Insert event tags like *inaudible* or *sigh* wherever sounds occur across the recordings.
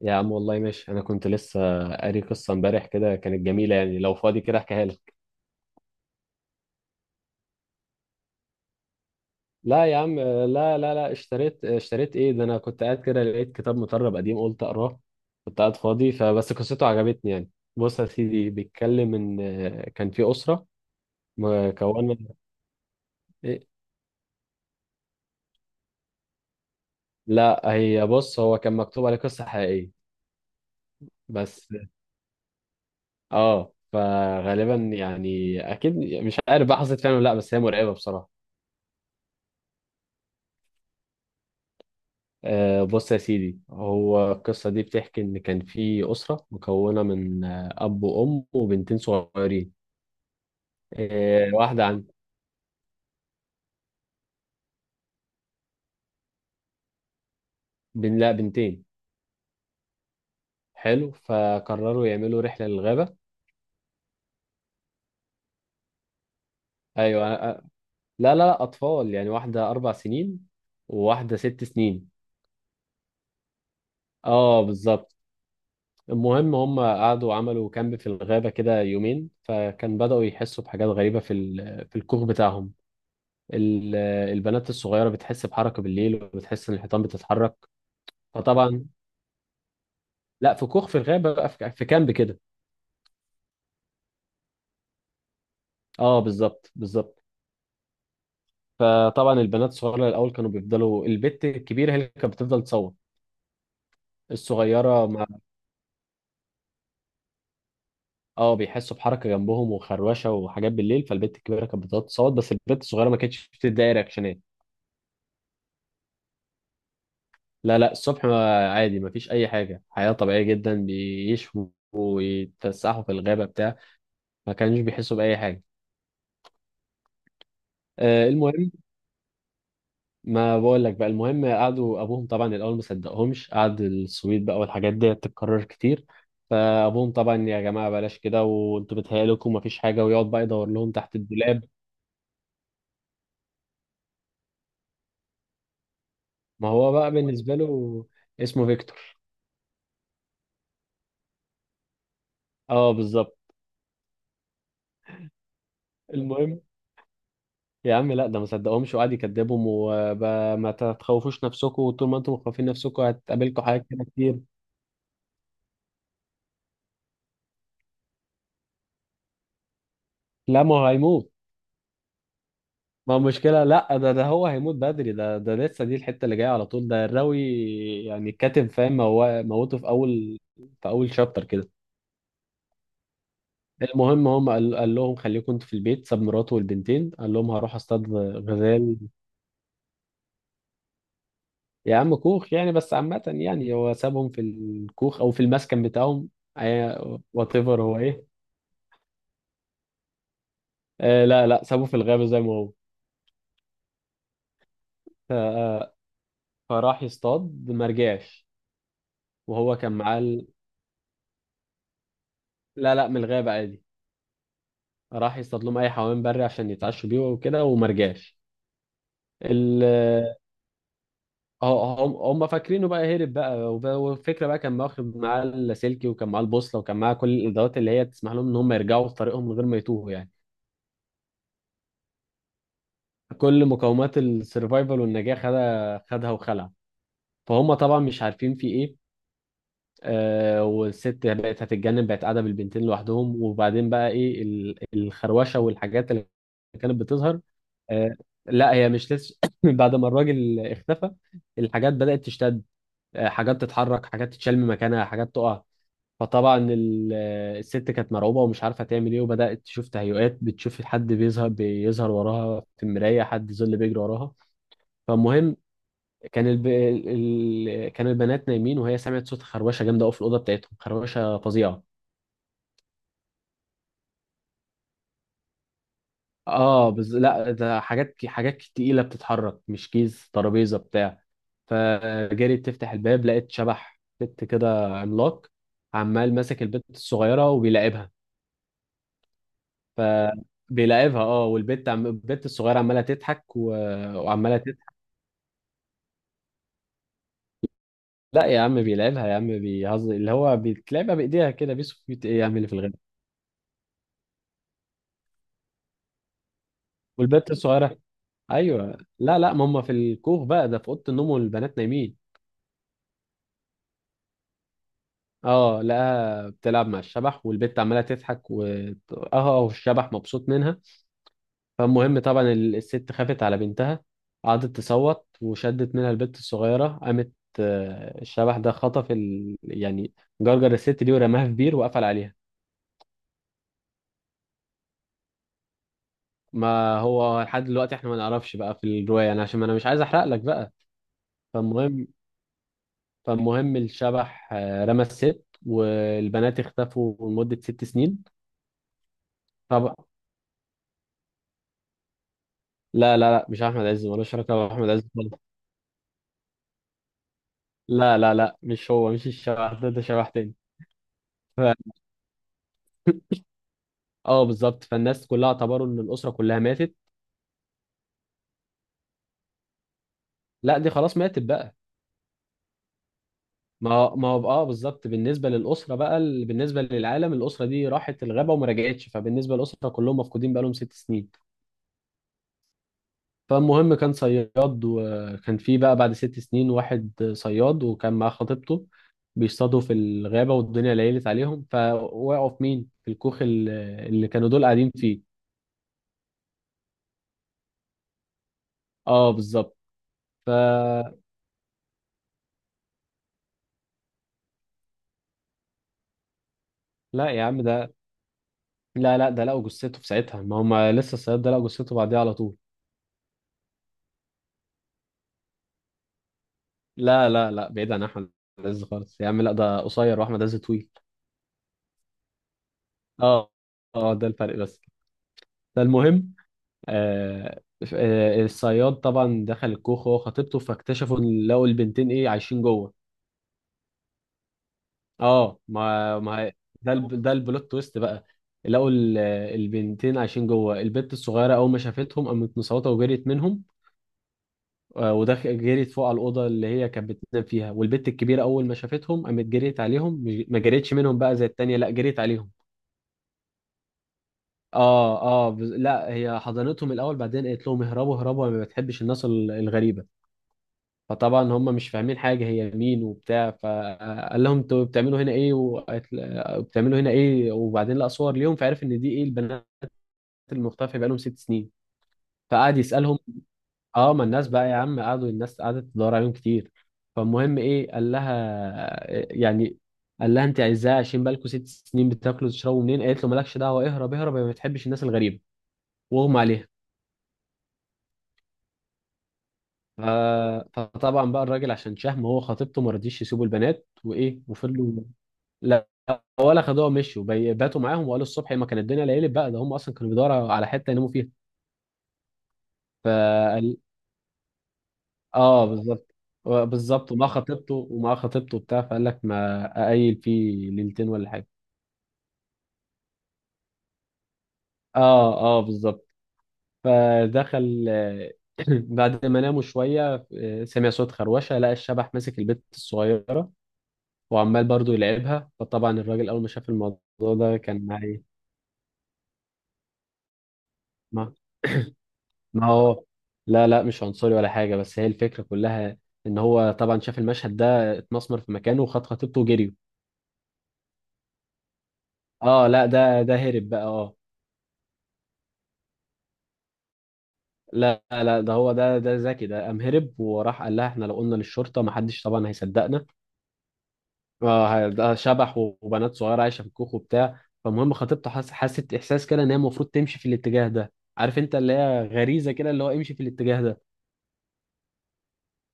يا عم والله ماشي، انا كنت لسه قاري قصه امبارح كده، كانت جميله يعني لو فاضي كده احكيها لك. لا يا عم، لا، لا، لا، اشتريت ايه ده، انا كنت قاعد كده لقيت كتاب مطرب قديم قلت اقراه. كنت قاعد فاضي فبس قصته عجبتني يعني. بص يا سيدي، بيتكلم ان كان في اسره مكونه. إيه؟ لا هي بص، هو كان مكتوب عليه قصه حقيقيه بس. اه، فغالبا يعني اكيد مش عارف بقى حصلت فعلا ولا لا، بس هي مرعبه بصراحه. بص يا سيدي، هو القصة دي بتحكي إن كان في أسرة مكونة من أب وأم وبنتين صغيرين. واحدة عن لا، بنتين. حلو. فقرروا يعملوا رحلة للغابة. أيوة. لا، لا، لا، أطفال يعني، واحدة 4 سنين وواحدة 6 سنين. أه، بالظبط. المهم هم قعدوا عملوا كامب في الغابة كده يومين، فكان بدأوا يحسوا بحاجات غريبة في الكوخ بتاعهم. البنات الصغيرة بتحس بحركة بالليل، وبتحس إن الحيطان بتتحرك. فطبعا، لا في كوخ في الغابه بقى، في كامب كده. اه، بالظبط بالظبط. فطبعا البنات الصغيره الاول كانوا بيفضلوا، البت الكبيره هي اللي كانت بتفضل تصوت، الصغيره ما. اه، بيحسوا بحركه جنبهم وخروشه وحاجات بالليل، فالبت الكبيره كانت بتفضل تصوت، بس البت الصغيره ما كانتش بتدي أي رياكشنات. لا، لا، الصبح عادي، ما فيش اي حاجه، حياه طبيعيه جدا، بيشوا ويتفسحوا في الغابه بتاع، ما كانوش بيحسوا باي حاجه. المهم، ما بقول لك بقى، المهم قعدوا، ابوهم طبعا الاول ما صدقهمش، قعد السويد بقى والحاجات دي تتكرر كتير. فابوهم طبعا، يا جماعه بلاش كده وانتوا بتهيألكم ومفيش حاجه، ويقعد بقى يدور لهم تحت الدولاب. ما هو بقى بالنسبه له، اسمه فيكتور. اه، بالظبط. المهم، يا عم لا، ده ما صدقهمش، وقعد يكذبهم، وما تخوفوش نفسكم، وطول ما انتم مخوفين نفسكم هتقابلكم حاجات كده كتير. لا، ما هو هيموت. ما المشكلة، لا، ده هو هيموت بدري، ده لسه دي الحتة اللي جاية على طول، ده الراوي يعني الكاتب، فاهم، هو موته في أول شابتر كده. المهم، هم قال لهم خليكم انتوا في البيت، ساب مراته والبنتين، قال لهم هروح اصطاد غزال. يا عم كوخ يعني، بس عامة يعني هو سابهم في الكوخ أو في المسكن بتاعهم. وات ايفر هو إيه. لا، لا، سابه في الغابة زي ما هو. ف- آه، فراح يصطاد، ما رجعش، وهو كان معاه لا، لا، من الغابة عادي. راح يصطاد لهم اي حيوان بري عشان يتعشوا بيه وكده، وما رجعش ال ه- هم فاكرينه بقى هرب بقى، والفكره بقى كان واخد معاه اللاسلكي وكان معاه البوصله وكان معاه كل الادوات اللي هي تسمح لهم ان هم يرجعوا في طريقهم من غير ما يتوهوا يعني. كل مقومات السرفايفل والنجاه، خدها خدها وخلع. فهم طبعا مش عارفين في ايه. والست بقت هتتجنن، بقت قاعده بالبنتين لوحدهم، وبعدين بقى ايه الخروشه والحاجات اللي كانت بتظهر. آه لا هي مش لسه *coughs* بعد ما الراجل اختفى الحاجات بدات تشتد. حاجات تتحرك، حاجات تتشال من مكانها، حاجات تقع. فطبعا الست كانت مرعوبه ومش عارفه تعمل ايه، وبدات تشوف تهيؤات، بتشوف حد بيظهر وراها في المرايه، حد ظل بيجري وراها. فالمهم كان البنات نايمين، وهي سمعت صوت خروشه جامده قوي في الاوضه بتاعتهم، خروشه فظيعه. اه لا ده حاجات تقيله بتتحرك، مش كيس ترابيزه بتاع. فجريت تفتح الباب، لقيت شبح بت كده عملاق، عمال ماسك البت الصغيره وبيلاعبها. ف بيلاعبها، اه، والبت البت الصغيره عماله تضحك وعماله تضحك. لا يا عم بيلاعبها يا عم، بيهزر، اللي هو بيتلعبها بايديها كده، بيسكت ايه يا عم اللي في الغالب. والبت الصغيره، ايوه، لا، لا، ما هم في الكوخ بقى، ده في اوضه النوم والبنات نايمين. اه، لقاها بتلعب مع الشبح والبت عماله تضحك و اه آه، والشبح مبسوط منها. فالمهم طبعا الست خافت على بنتها، قعدت تصوت، وشدت منها البت الصغيره، قامت. الشبح ده خطف يعني جرجر الست دي ورماها في بير وقفل عليها. ما هو لحد دلوقتي احنا ما نعرفش بقى في الروايه يعني، عشان ما انا مش عايز احرق لك بقى. فالمهم، الشبح رمى الست، والبنات اختفوا لمدة 6 سنين. طب، لا، لا، لا، مش أحمد عز، ملوش علاقة بأحمد عز خالص. لا، لا، لا، مش هو، مش الشبح ده شبح تاني. ف... اه، بالظبط. فالناس كلها اعتبروا ان الأسرة كلها ماتت. لا، دي خلاص ماتت بقى. ما هو بالظبط، بالنسبة للأسرة بقى ال- بالنسبة للعالم الأسرة دي راحت الغابة وما رجعتش، فبالنسبة للأسرة كلهم مفقودين بقالهم 6 سنين. فالمهم كان صياد، وكان في بقى بعد 6 سنين واحد صياد، وكان معاه خطيبته، بيصطادوا في الغابة والدنيا ليلت عليهم، فوقعوا في مين؟ في الكوخ اللي كانوا دول قاعدين فيه. اه، بالظبط. ف لا يا عم، لا، لا، ده لقوا جثته في ساعتها، ما هم لسه الصياد ده لقوا جثته بعديها على طول. لا، لا، لا، بعيد عن احمد عز خالص يا عم، لا ده قصير واحمد عز طويل. اه، اه، ده الفرق بس. فالمهم، آه، الصياد طبعا دخل الكوخ هو خطيبته، فاكتشفوا إن لقوا البنتين ايه عايشين جوه. اه، ما ده البلوت تويست بقى. لقوا البنتين عايشين جوه، البنت الصغيره اول ما شافتهم قامت مصوته وجريت منهم. آه، ودخ جريت فوق على الاوضه اللي هي كانت بتنام فيها، والبنت الكبيره اول ما شافتهم قامت جريت عليهم، ما جريتش منهم بقى زي التانيه، لا جريت عليهم. اه، اه، لا هي حضنتهم الاول، بعدين قالت لهم اهربوا اهربوا أنا ما بتحبش الناس الغريبه. فطبعا هم مش فاهمين حاجة، هي مين وبتاع، فقال لهم انتوا بتعملوا هنا ايه، بتعملوا هنا ايه، وبعدين لقى صور ليهم، فعرف ان دي ايه البنات المختفية بقالهم 6 سنين. فقعد يسألهم. اه ما الناس بقى يا عم، قعدوا الناس قعدت تدور عليهم كتير، فالمهم ايه يعني قال لها انت عايزاه عشان بالكم 6 سنين بتاكلوا وتشربوا منين، قالت له مالكش دعوة، اهرب اهرب يا ما بتحبش الناس الغريبة، واغمى عليها. ف- فطبعا بقى الراجل عشان شهم هو خطيبته، ما رضيش يسيبوا البنات وايه، وفضلوا. لا، ولا خدوها مشوا، باتوا معاهم وقالوا الصبح، ما كان الدنيا ليلت بقى، ده هم اصلا كانوا بيدوروا على حته يناموا فيها. فقال. اه، بالظبط. بالظبط، وما خطيبته بتاع، فقال لك ما اقيل فيه ليلتين ولا حاجه. اه، اه، بالظبط. فدخل، *clears throat* بعد ما ناموا شويه سمع صوت خروشه، لقى الشبح ماسك البت الصغيره وعمال برضو يلعبها، فطبعا الراجل اول ما شاف الموضوع ده كان معي. ما هو لا، لا، مش عنصري ولا حاجة، بس هي الفكرة كلها، ان هو طبعا شاف المشهد ده اتمسمر في مكانه، وخد خطيبته وجريوا. اه، لا، ده هرب بقى، اه. لا، لا، ده هو، ده ذكي، ده قام هرب، وراح قال لها احنا لو قلنا للشرطة محدش طبعا هيصدقنا. اه، ده شبح وبنات صغيرة عايشة في الكوخ وبتاع، فالمهم خطيبته حست احساس كده ان هي المفروض تمشي في الاتجاه ده. عارف انت، اللي هي غريزة كده، اللي هو امشي في الاتجاه ده.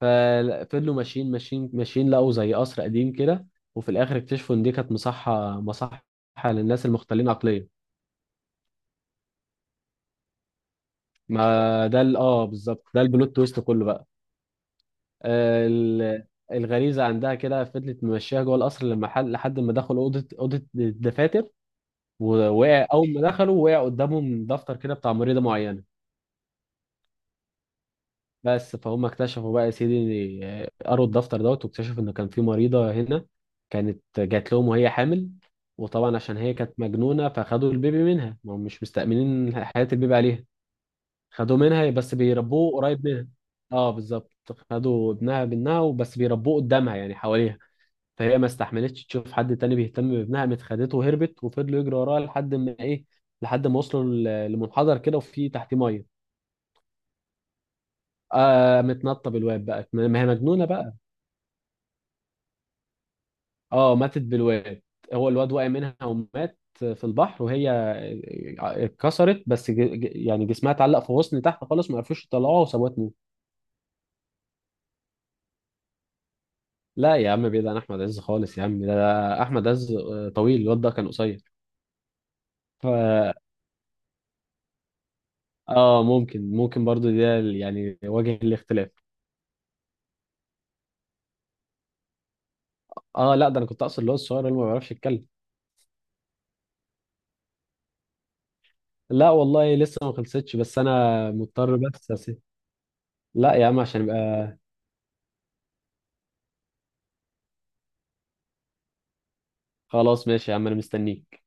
ففضلوا ماشيين ماشيين ماشيين، لقوا زي قصر قديم كده. وفي الاخر اكتشفوا ان دي كانت مصحة، مصحة للناس المختلين عقليا. ما ده بالظبط، ده البلوت تويست كله بقى. آه، ال- الغريزة عندها كده، فضلت ممشيها جوه القصر، لما حل لحد ما دخلوا أوضة الدفاتر. ووقع أول ما دخلوا، وقع قدامهم دفتر كده بتاع مريضة معينة. بس فهم اكتشفوا بقى يا سيدي، قروا الدفتر دوت واكتشفوا ان كان في مريضة هنا كانت جات لهم وهي حامل. وطبعا عشان هي كانت مجنونة، فخدوا البيبي منها، ما هم مش مستأمنين حياة البيبي عليها. خدوه منها، بس بيربوه قريب منها. اه، بالظبط. خدوا ابنها منها وبس بيربوه قدامها يعني حواليها. فهي ما استحملتش تشوف حد تاني بيهتم بابنها، قامت خدته وهربت، وفضلوا يجروا وراها لحد ما وصلوا لمنحدر كده، وفي تحتيه ميه. متنطه بالواد بقى، ما هي مجنونه بقى. اه، ماتت بالواد، هو الواد وقع منها ومات في البحر، وهي اتكسرت بس يعني جسمها اتعلق في غصن تحت خالص، ما عرفوش يطلعوها وسابوها تموت. لا يا عم، بعيد عن احمد عز خالص يا عم، ده احمد عز طويل، الواد ده كان قصير. ف اه ممكن برضو، ده يعني وجه الاختلاف. اه، لا ده انا كنت اقصد اللي هو الصغير اللي ما بيعرفش يتكلم. لا والله لسه ما خلصتش، بس انا مضطر بس أسيب. لا يا عم، عشان يبقى. خلاص ماشي يا عم، انا مستنيك.